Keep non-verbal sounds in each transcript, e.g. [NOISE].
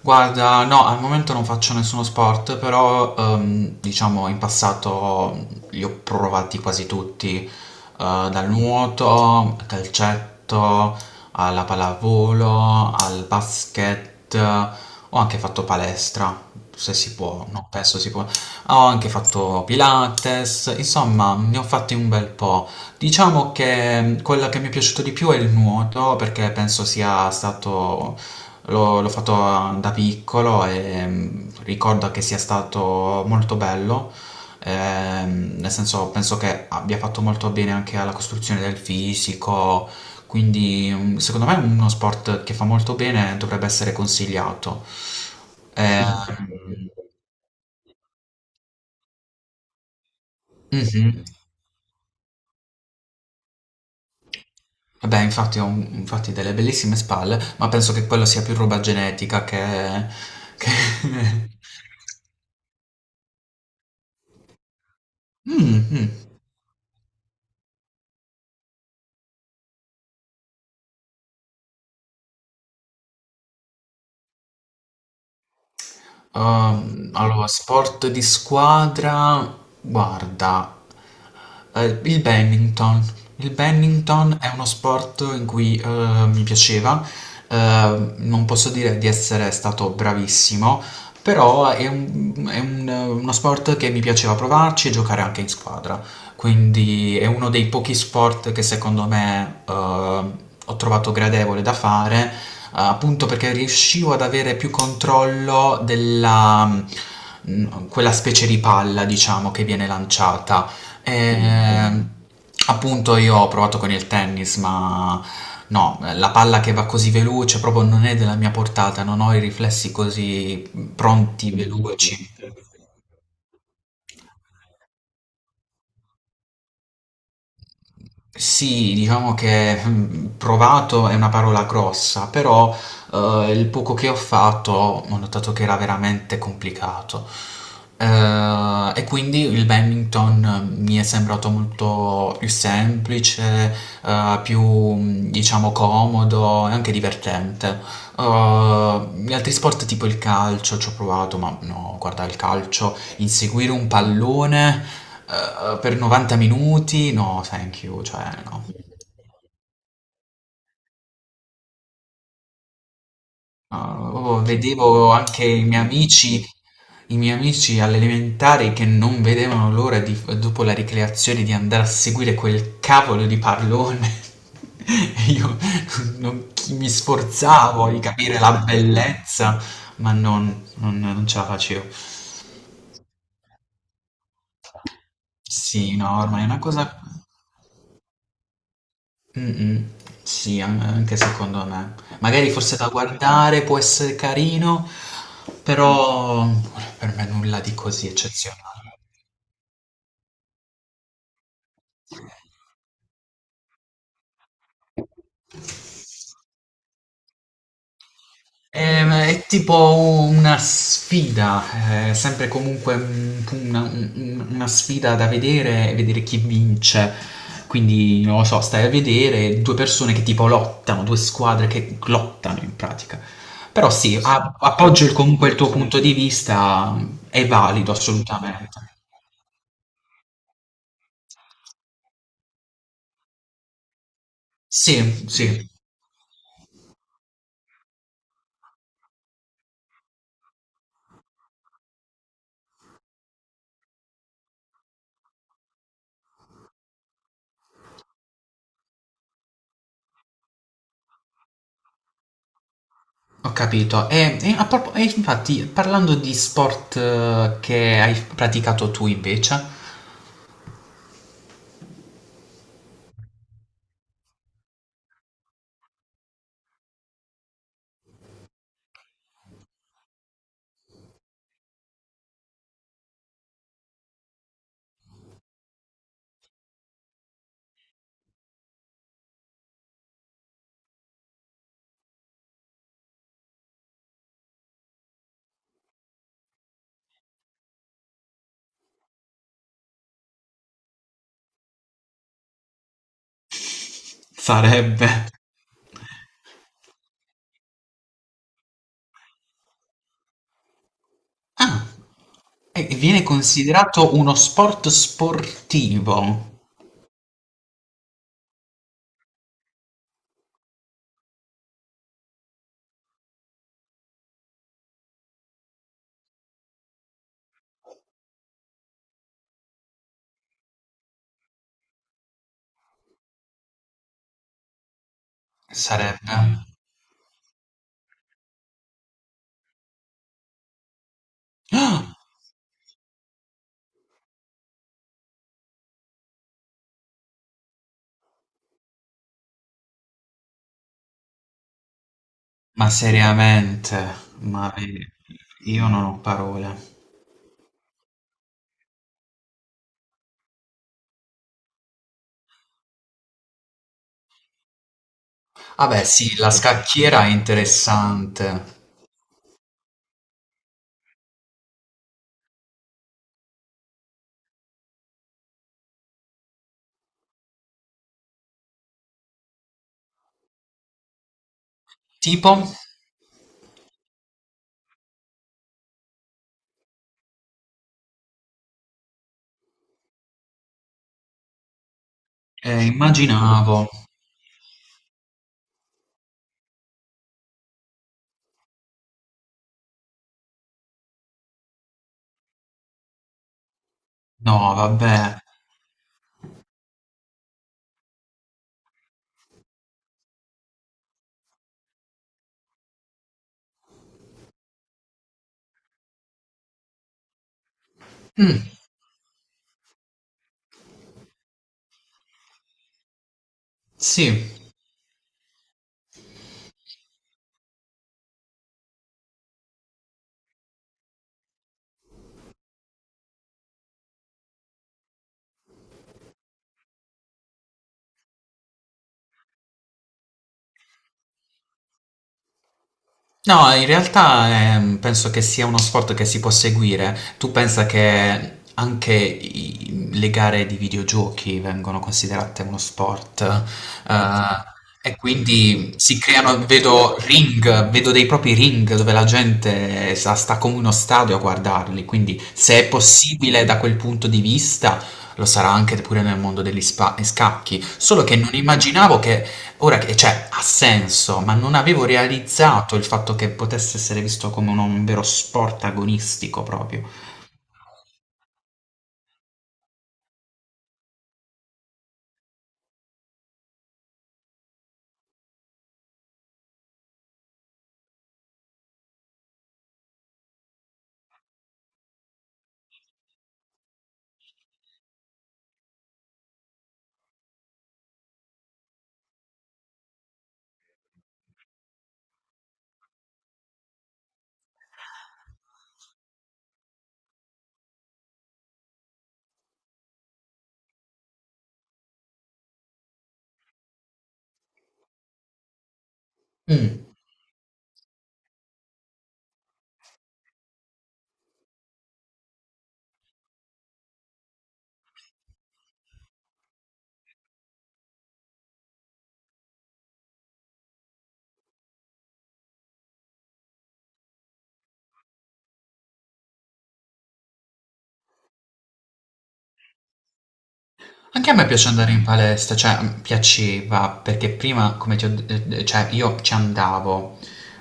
Guarda, no, al momento non faccio nessuno sport, però diciamo in passato li ho provati quasi tutti, dal nuoto, al calcetto, alla pallavolo, al basket, ho anche fatto palestra, se si può, no, penso si può, ho anche fatto Pilates, insomma ne ho fatti un bel po'. Diciamo che quello che mi è piaciuto di più è il nuoto, perché penso sia stato, l'ho fatto da piccolo e ricordo che sia stato molto bello, nel senso penso che abbia fatto molto bene anche alla costruzione del fisico, quindi secondo me è uno sport che fa molto bene e dovrebbe essere consigliato. Eh, Sì, sì. Mhm. Beh, infatti ha un- infatti delle bellissime spalle, ma penso che quello sia più roba genetica che [LAUGHS] Mh, mh. Allora, sport di squadra, guarda, il badminton. Il badminton è uno sport in cui mi piaceva, non posso dire di essere stato bravissimo, però uno sport che mi piaceva provarci e giocare anche in squadra. Quindi è uno dei pochi sport che secondo me ho trovato gradevole da fare, appunto perché riuscivo ad avere più controllo della quella specie di palla, diciamo, che viene lanciata. E, appunto io ho provato con il tennis, ma no, la palla che va così veloce proprio non è della mia portata, non ho i riflessi così pronti, veloci. Sì, diciamo che provato è una parola grossa, però il poco che ho fatto ho notato che era veramente complicato. E quindi il badminton mi è sembrato molto più semplice, più diciamo comodo e anche divertente. Gli altri sport tipo il calcio ci ho provato, ma no, guarda, il calcio inseguire un pallone, per 90 minuti, no thank you, cioè no. No, proprio vedevo anche i miei amici alle elementari che non vedevano l'ora di f dopo la ricreazione di andare a seguire quel cavolo di pallone [LAUGHS] e io non chi mi sforzavo di capire la bellezza, ma non ce la facevo. Sì, no, ormai è una cosa. Mm-mm. Sì, an- anche secondo me. Magari forse da guardare può essere carino, però per me nulla di così eccezionale. È tipo una sfida, sempre comunque una sfida da vedere, vedere chi vince. Quindi, non lo so, stai a vedere due persone che tipo lottano, due squadre che lottano in pratica. Però sì, a- appoggio il- comunque il tuo punto di vista, è valido assolutamente. Sì, sì, ho capito. E a propo- e infatti, parlando di sport che hai praticato tu invece, sarebbe... Ah, e viene considerato uno sport sportivo, sarebbe. Ah, [GASPS] ma seriamente, ma vedi, io non ho parole. Vabbè, sì, la scacchiera è interessante. Tipo, immaginavo... No, vabbè. Sì, no, in realtà penso che sia uno sport che si può seguire. Tu pensa che anche i- le gare di videogiochi vengono considerate uno sport, e quindi si creano, vedo ring, vedo dei propri ring dove la gente sta, sta come uno stadio a guardarli. Quindi, se è possibile da quel punto di vista, lo sarà anche pure nel mondo degli spa- scacchi. Solo che non immaginavo che ora che cioè, ha senso, ma non avevo realizzato il fatto che potesse essere visto come un vero sport agonistico proprio. Mh. Anche a me piace andare in palestra, cioè, piaceva perché prima come ti ho d d cioè io ci andavo,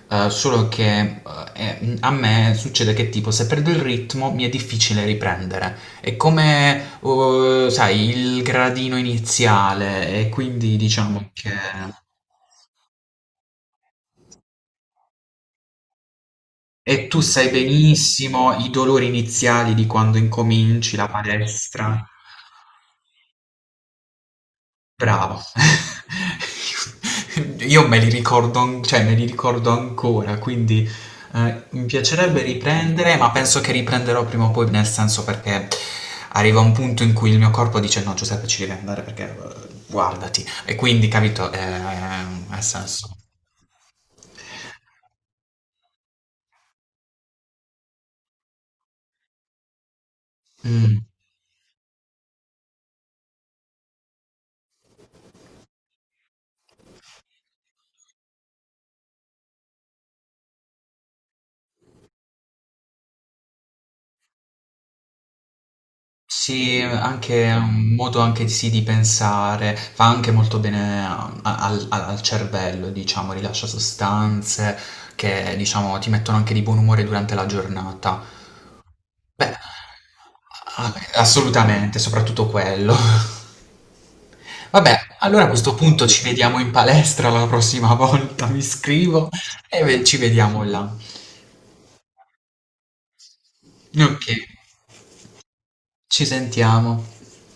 solo che, a me succede che tipo se perdo il ritmo mi è difficile riprendere. È come, sai il gradino iniziale e quindi diciamo che e tu sai benissimo i dolori iniziali di quando incominci la palestra. Bravo. [LAUGHS] Io me li ricordo, an- cioè me li ricordo ancora, quindi mi piacerebbe riprendere, ma penso che riprenderò prima o poi, nel senso perché arriva un punto in cui il mio corpo dice no, Giuseppe, ci devi andare perché guardati. E quindi, capito, ha senso. Mm. Sì, anche è un modo anche sì di pensare, fa anche molto bene a- al, al- al cervello, diciamo, rilascia sostanze che, diciamo, ti mettono anche di buon umore durante la giornata. Beh, a- assolutamente, soprattutto quello. [LAUGHS] Vabbè, allora a questo punto ci vediamo in palestra la prossima [LAUGHS] volta, mi scrivo e ve- ci vediamo là. Ok, ci sentiamo.